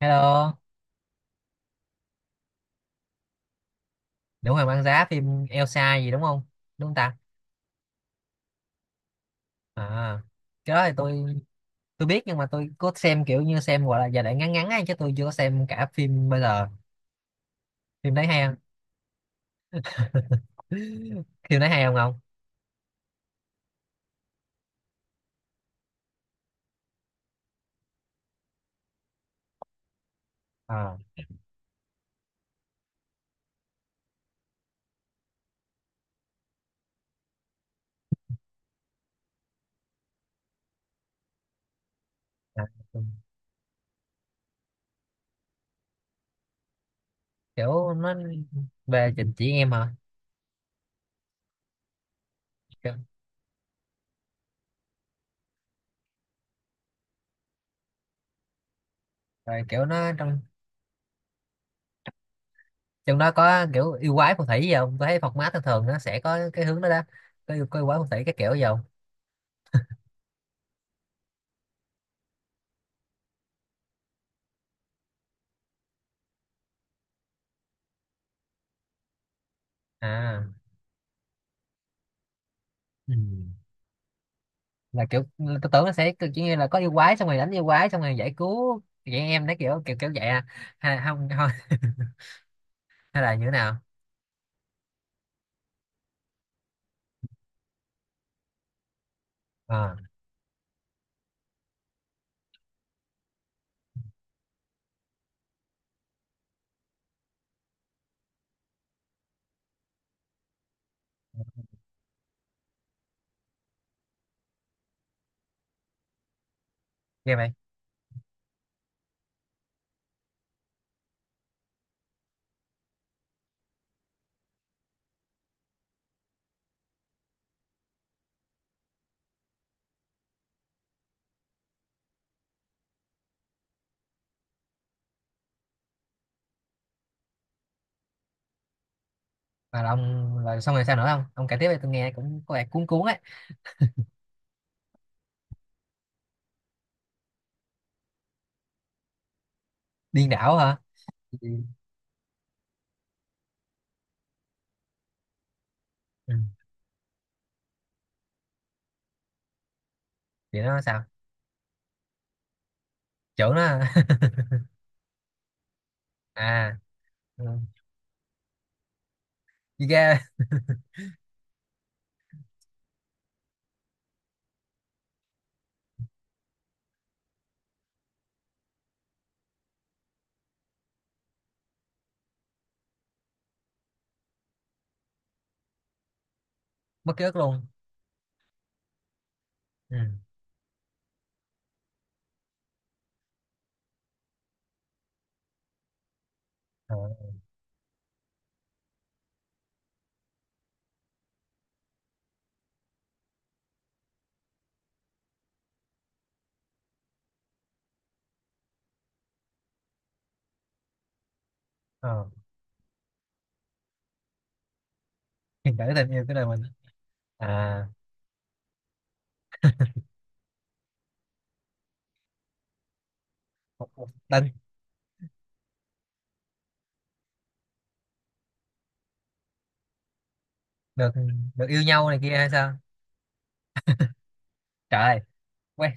Hello. Nữ Hoàng băng giá phim Elsa gì đúng không? Đúng không ta? À, cái đó thì tôi biết nhưng mà tôi có xem kiểu như xem gọi là giai đoạn ngắn ngắn ấy chứ tôi chưa có xem cả phim bây giờ. Phim đấy hay không? Phim đấy hay không không? À, à, kiểu nó về trình chỉ em hả? Kiểu, rồi kiểu nó trong trong đó có kiểu yêu quái phù thủy gì không? Tôi thấy format thường thường nó sẽ có cái hướng đó đó. Có yêu quái phù thủy cái kiểu gì không? À. Ừ. Là kiểu tôi tưởng nó sẽ kiểu như là có yêu quái xong rồi đánh yêu quái xong rồi giải cứu vậy em đấy kiểu kiểu kiểu vậy à, hay là không thôi. Hay là như thế nào? Ờ, ghê vậy. Và là ông là xong rồi sao nữa? Không, ông kể tiếp đi, tôi nghe cũng có vẻ cuốn cuốn ấy. Điên đảo hả? Ừ. Ừ. Vậy nó sao? Trưởng nó hả? À. Ừ. Đi ra. Mất ký ức luôn. Ừ. Ờ. Ờ, hiện tại cái tình yêu cái đời mình. À. Một tình. Được được yêu nhau này kia hay sao? Trời ơi. quen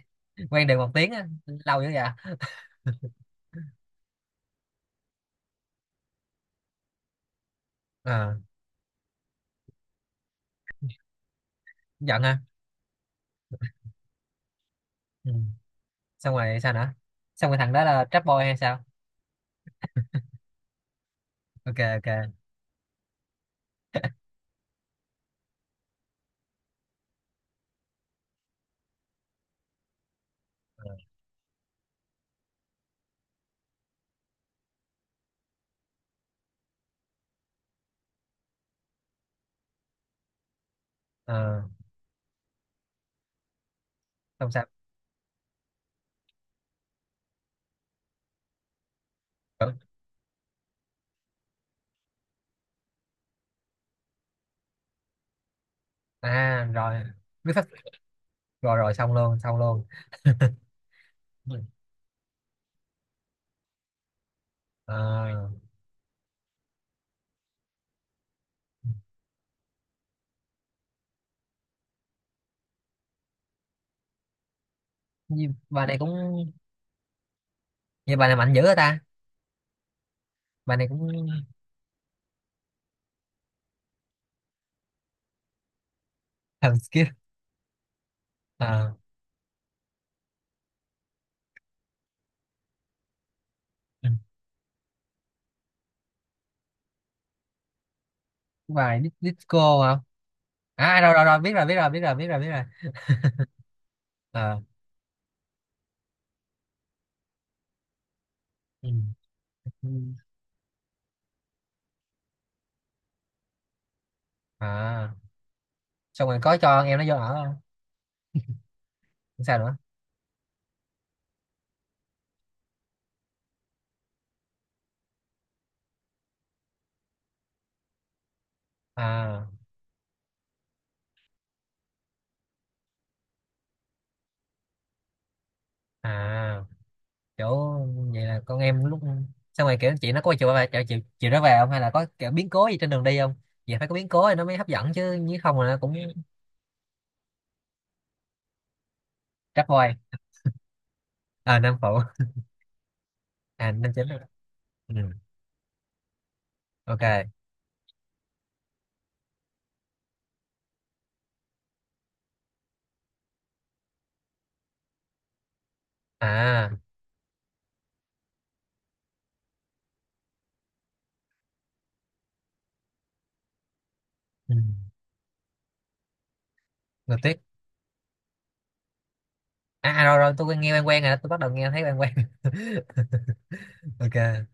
quen được một tiếng á, lâu dữ vậy. Ờ. Giận ha. Ừ. Xong rồi sao nữa? Xong rồi thằng đó là trap boy hay sao? Ok, ok. Ờ. Xong sao? Ừ. À rồi, biết pháp. Rồi rồi, xong luôn, xong luôn. À. như bà này cũng Như bà này mạnh dữ hả ta. Bà này cũng thần skill. À, bài disco hả? À rồi rồi rồi biết rồi, biết rồi, biết rồi, biết rồi, biết rồi. Ờ. Ừ. Ừ. À, xong rồi có cho em nó vô ở? Không sao nữa? À. À, kiểu vậy là con em lúc. Xong rồi kiểu chị nó có chiều bà chịu chịu chịu nó về không, hay là có kiểu biến cố gì trên đường đi không? Vậy phải có biến cố thì nó mới hấp dẫn, chứ nếu không là nó cũng. Trap boy. À, nam phụ. À, nam chính. Ừ. Ok. À. Ừ. Người tuyết. À, à rồi rồi tôi nghe quen quen rồi đó. Tôi bắt đầu nghe thấy quen quen. Ok.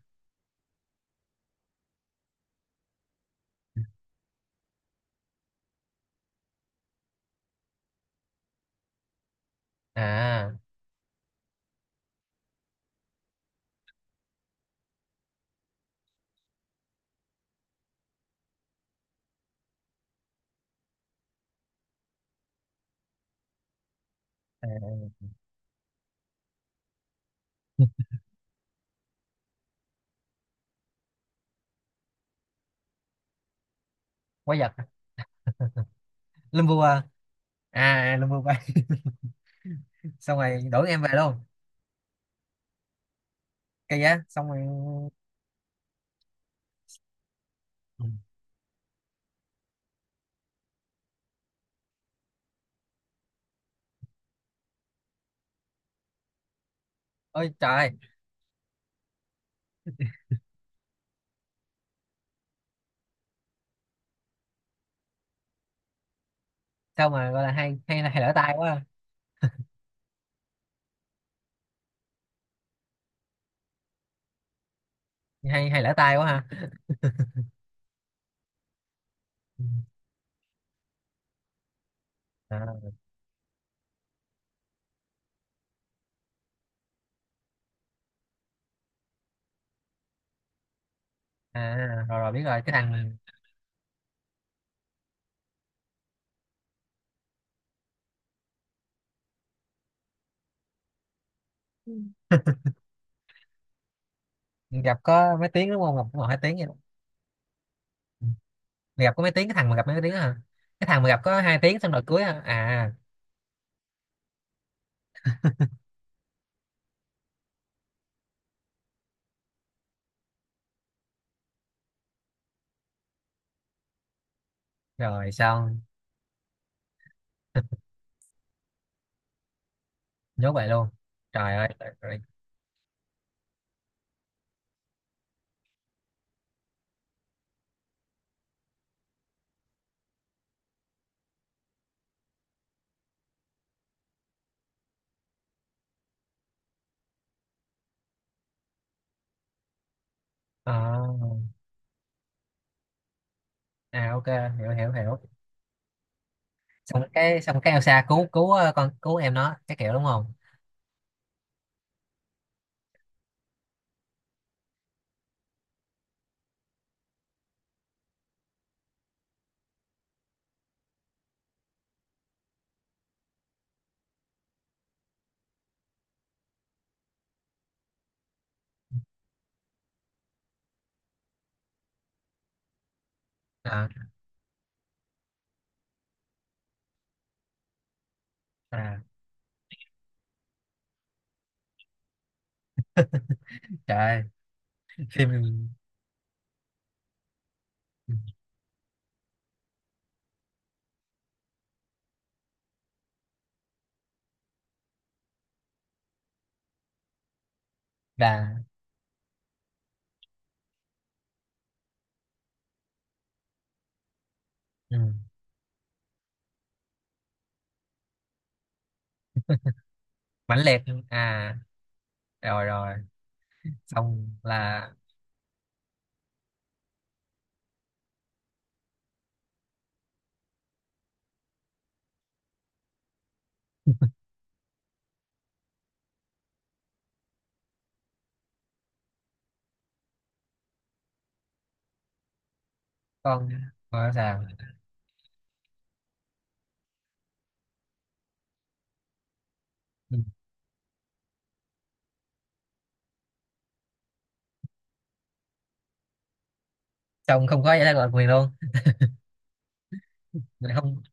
À. À, quái vật. Lâm vua à. À, lâm vua bay. Xong rồi đuổi em về luôn. Cây giá xong rồi. Ừ. Ôi trời ơi. Sao mà gọi là hay, hay là hay lỡ tay quá à. Hay hay lỡ tay quá ha. À, à rồi rồi biết rồi, cái thằng. Gặp có mấy tiếng đúng không, gặp cũng một hai tiếng vậy đó. Ừ. Gặp có mấy tiếng, cái thằng mà gặp mấy tiếng đó hả? Cái thằng mà gặp có hai tiếng xong rồi cưới hả à? Rồi xong. Nhốt vậy luôn? Trời ơi, trời ơi. Ờ. À, ok. Hiểu hiểu hiểu. Xong cái Elsa cứu cứu con cứu em nó cái kiểu đúng không? À. À. Trời ơi. Phim là ừ, mãnh liệt. À rồi rồi, xong là con con Elsa. Ừ. Xong không có giải thoát quyền luôn. Mình không?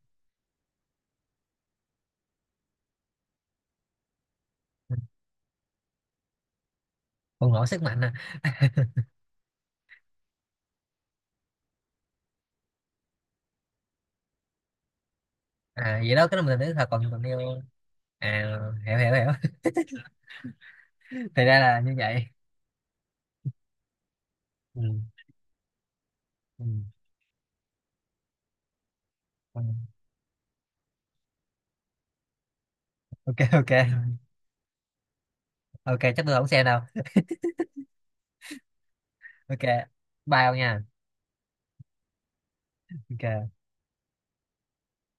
Bùng nổ sức mạnh à? À, vậy đó, cái đó mình thấy thật, còn còn yêu. À, hiểu hiểu hiểu. Thì ra là như vậy. Ừ. Ừ. Ừ. Ok, ok. Ok, chắc tôi không xem đâu. Ok. Bye ông nha. Ok.